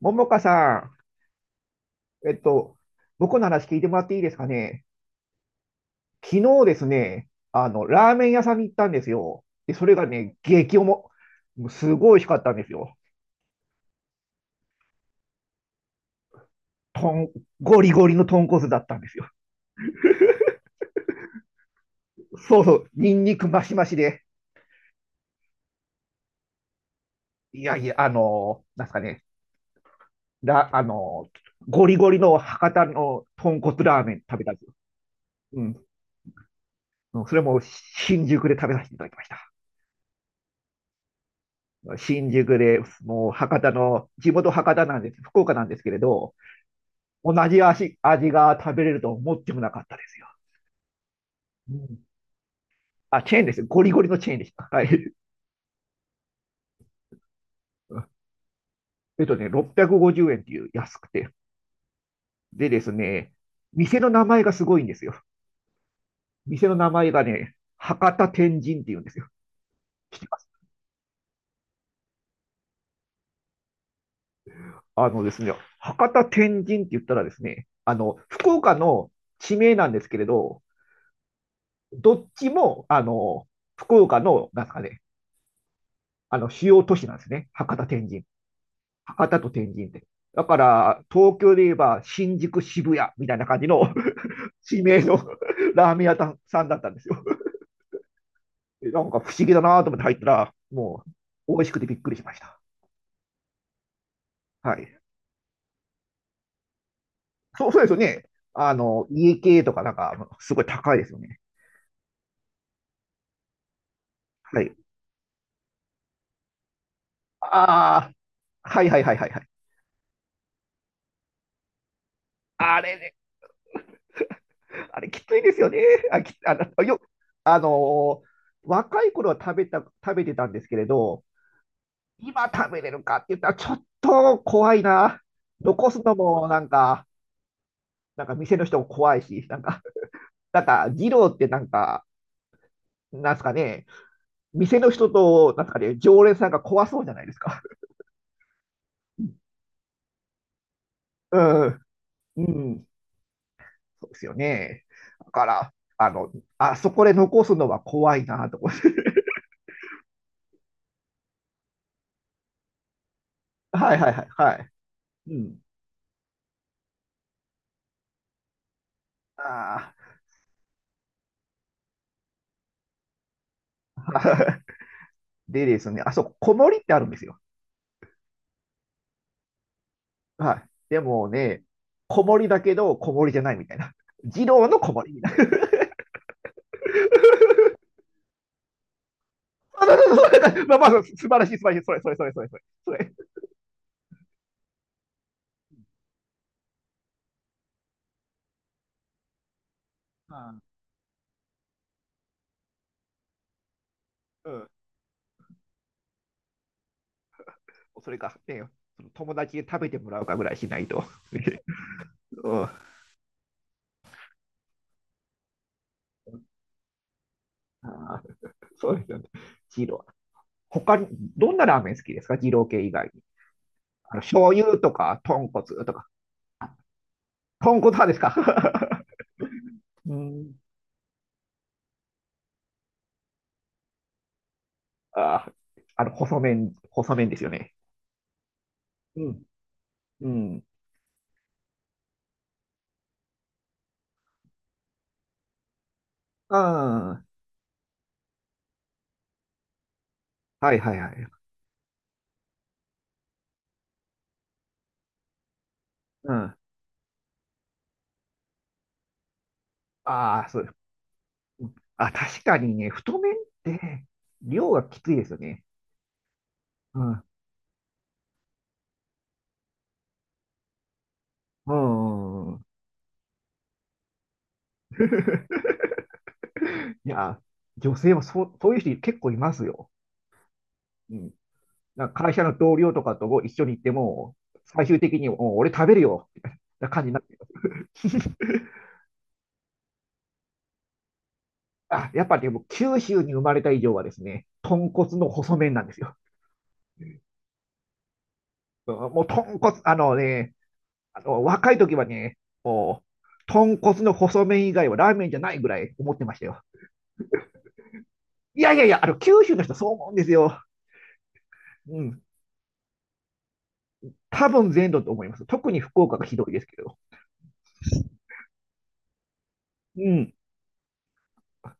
ももかさん、僕の話聞いてもらっていいですかね。昨日ですね、ラーメン屋さんに行ったんですよ。で、それがね、激重。もうすごい美味しかったんですよ。とん、ゴリゴリの豚骨だったんですよ。そうそう、ニンニクマシマシで。いやいや、なんすかね、ラ、あの、ゴリゴリの博多の豚骨ラーメン食べたんですよ。うん。うんそれも新宿で食べさせていただきました。新宿で、もう博多の、地元博多なんです、福岡なんですけれど、同じ味が食べれると思ってもなかったですよ。うんあ、チェーンです。ゴリゴリのチェーンでした。はい。650円っていう安くて。でですね、店の名前がすごいんですよ。店の名前がね、博多天神っていうんですよ。知ってます？あのですね、博多天神って言ったらですね、福岡の地名なんですけれど、どっちも、福岡の、なんですかね、主要都市なんですね。博多と天神って。だから、東京で言えば新宿渋谷みたいな感じの 地名の ラーメン屋さんだったんですよ。なんか不思議だなと思って入ったら、もう美味しくてびっくりしました。はい。そう、そうですよね。家系とかなんか、すごい高いですよね。はい。ああ、はいはいはいはいはい。あれね、あれきついですよね。あ、き、あの、よ、あのー若い頃は食べてたんですけれど、今食べれるかって言ったら、ちょっと怖いな。残すのもなんか、なんか店の人も怖いし、なんか、なんか、二郎ってなんか、なんですかね、店の人と、なんですかね、常連さんが怖そうじゃないですか。うん、うん、そうですよね。だから、あそこで残すのは怖いなと思って。はいはいはい、はい。うん。ああ。でですね、あそこ、小森ってあるんですよ。はい。でもね、子守だけど、子守じゃないみたいな。児童の子守みたいな。そうそうそうそうまあまあ、素晴らしい、素晴らしい。それ、それ、それ、それ、それ。それ、うんうん。それか、ね、友達で食べてもらうかぐらいしないと。うん。あーそうですよね。ジロー。他に、どんなラーメン好きですか？二郎系以外に。醤油とか、豚骨とか。豚骨派ですか？ うん。あー、細麺、細麺ですよね。うん。うん。ああ、はいはいはい。うん。ああ、そう。あ、確かにね、太麺って量がきついですよね。うん。うん。うんうん いや、女性もそういう人結構いますよ。うん。なんか会社の同僚とかとも一緒に行っても、最終的に、もう俺食べるよ、みたいな感じになってる。あ、やっぱりでも九州に生まれた以上はですね、豚骨の細麺なんですよ。うんもう豚骨、あのね、あの若い時はね、もう豚骨の細麺以外はラーメンじゃないぐらい思ってましたよ。いやいやいや、九州の人そう思うんですよ。うん。多分全土と思います。特に福岡がひどいですけど。うん。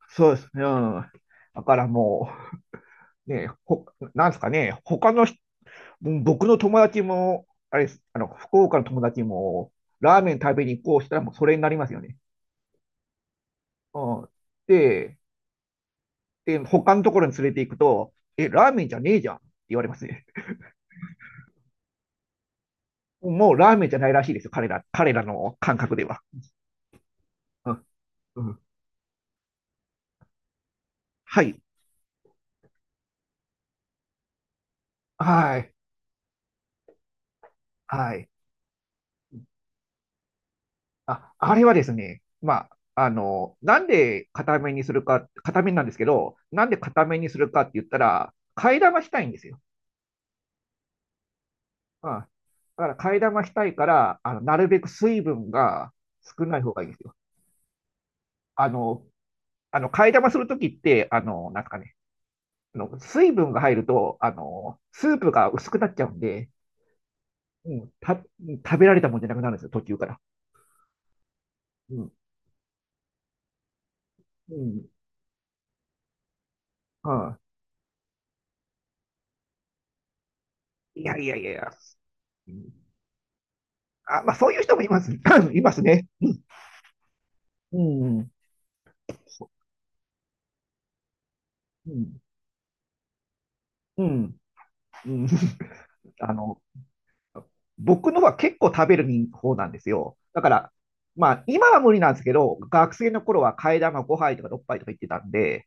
そうです。うん。だからもう、なんですかね、他の人、うん僕の友達も、あれです、福岡の友達も、ラーメン食べに行こうしたらもうそれになりますよね。うん。で、で、他のところに連れて行くと、え、ラーメンじゃねえじゃんって言われますね。もうラーメンじゃないらしいですよ、彼らの感覚では。うん。うん、はい。はい。はい。あ、あれはですね、まあ、なんで硬めにするか、硬めなんですけど、なんで硬めにするかって言ったら、替え玉したいんですよ。うん。だから替え玉したいから、なるべく水分が少ない方がいいんですよ。あの、替え玉するときって、なんすかね、水分が入ると、スープが薄くなっちゃうんで、うん、食べられたもんじゃなくなるんですよ、途中から。うん。うん。うん。いやいやいやいや。うんあ、まあ、そういう人もいます。いますね。うん、うん、うん、うん。あの、僕のは結構食べる方なんですよ。だから、まあ、今は無理なんですけど、学生の頃は替え玉5杯とか6杯とか言ってたんで、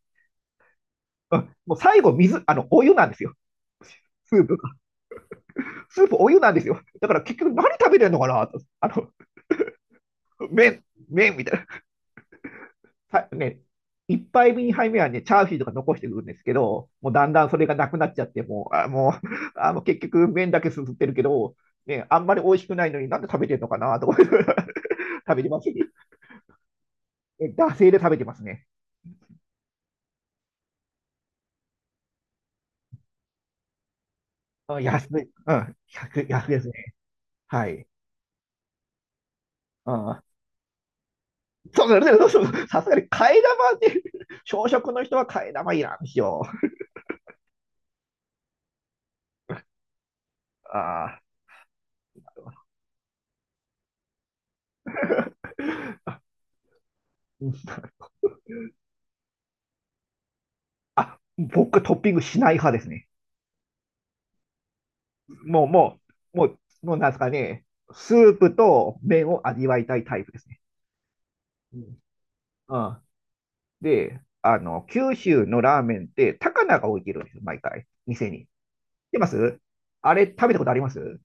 うんもう最後、水、あの、お湯なんですよ。スープが。スープお湯なんですよ。だから結局何食べてるのかなと。麺、麺みたいさね、一杯目、二杯目はね、チャーシューとか残してくるんですけど、もうだんだんそれがなくなっちゃって、もう、結局麺だけすすってるけど、ね、あんまり美味しくないのになんで食べてるのかなと思って 食べてますね。惰性で食べてますね。あ、安い。うん。1安いですね。はい。うん。そうそうそうそう。さすがに替え玉って小食の人は替え玉いらんしよう。あーうん僕トッピングしない派ですね。もう、ももうなんですかね、スープと麺を味わいたいタイプですね。うんうんで、九州のラーメンって、高菜が置いてるんですよ、毎回、店に。知ってます？あれ、食べたことあります？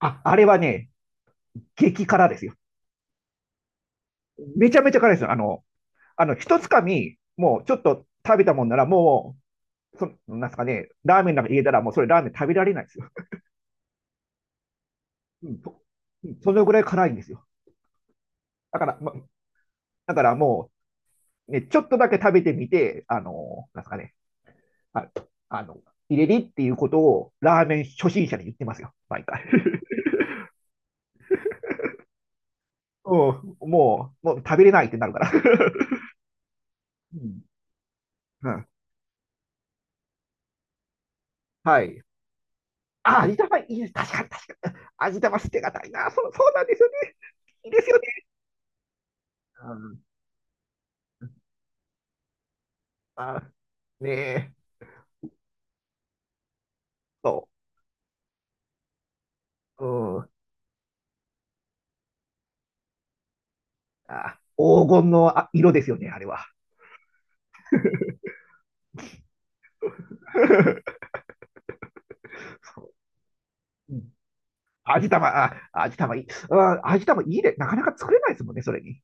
あ、あれはね、激辛ですよ。めちゃめちゃ辛いですよ。一つかみ、もうちょっと食べたもんなら、もう、なんすかね、ラーメンなんか入れたら、もうそれラーメン食べられないですよ。うん、そのぐらい辛いんですよ。だから、ま、だからもう、ね、ちょっとだけ食べてみて、なんですかね、ああの、入れりっていうことをラーメン初心者に言ってますよ、毎回。うん、もう食べれないってなるから。うんうん、はい。あ、味玉いいです。確かに、確かに。味玉捨てがたいな。そう、そうなんですよね。いいですよね。うん、あ、ねえ、そう。うん、あ、黄金のあ色ですよね、あれは。そううん味玉、あ、味玉いい。あ、味玉いいね。なかなか作れないですもんね、それに。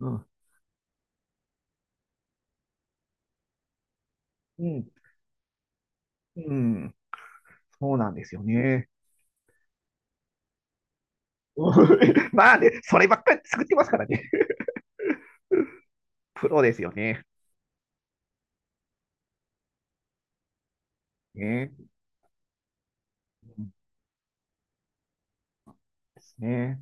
うん、うん、うん、そうなんですよね。まあね、そればっかり作ってますからね。プロですよね。ね。うんですね。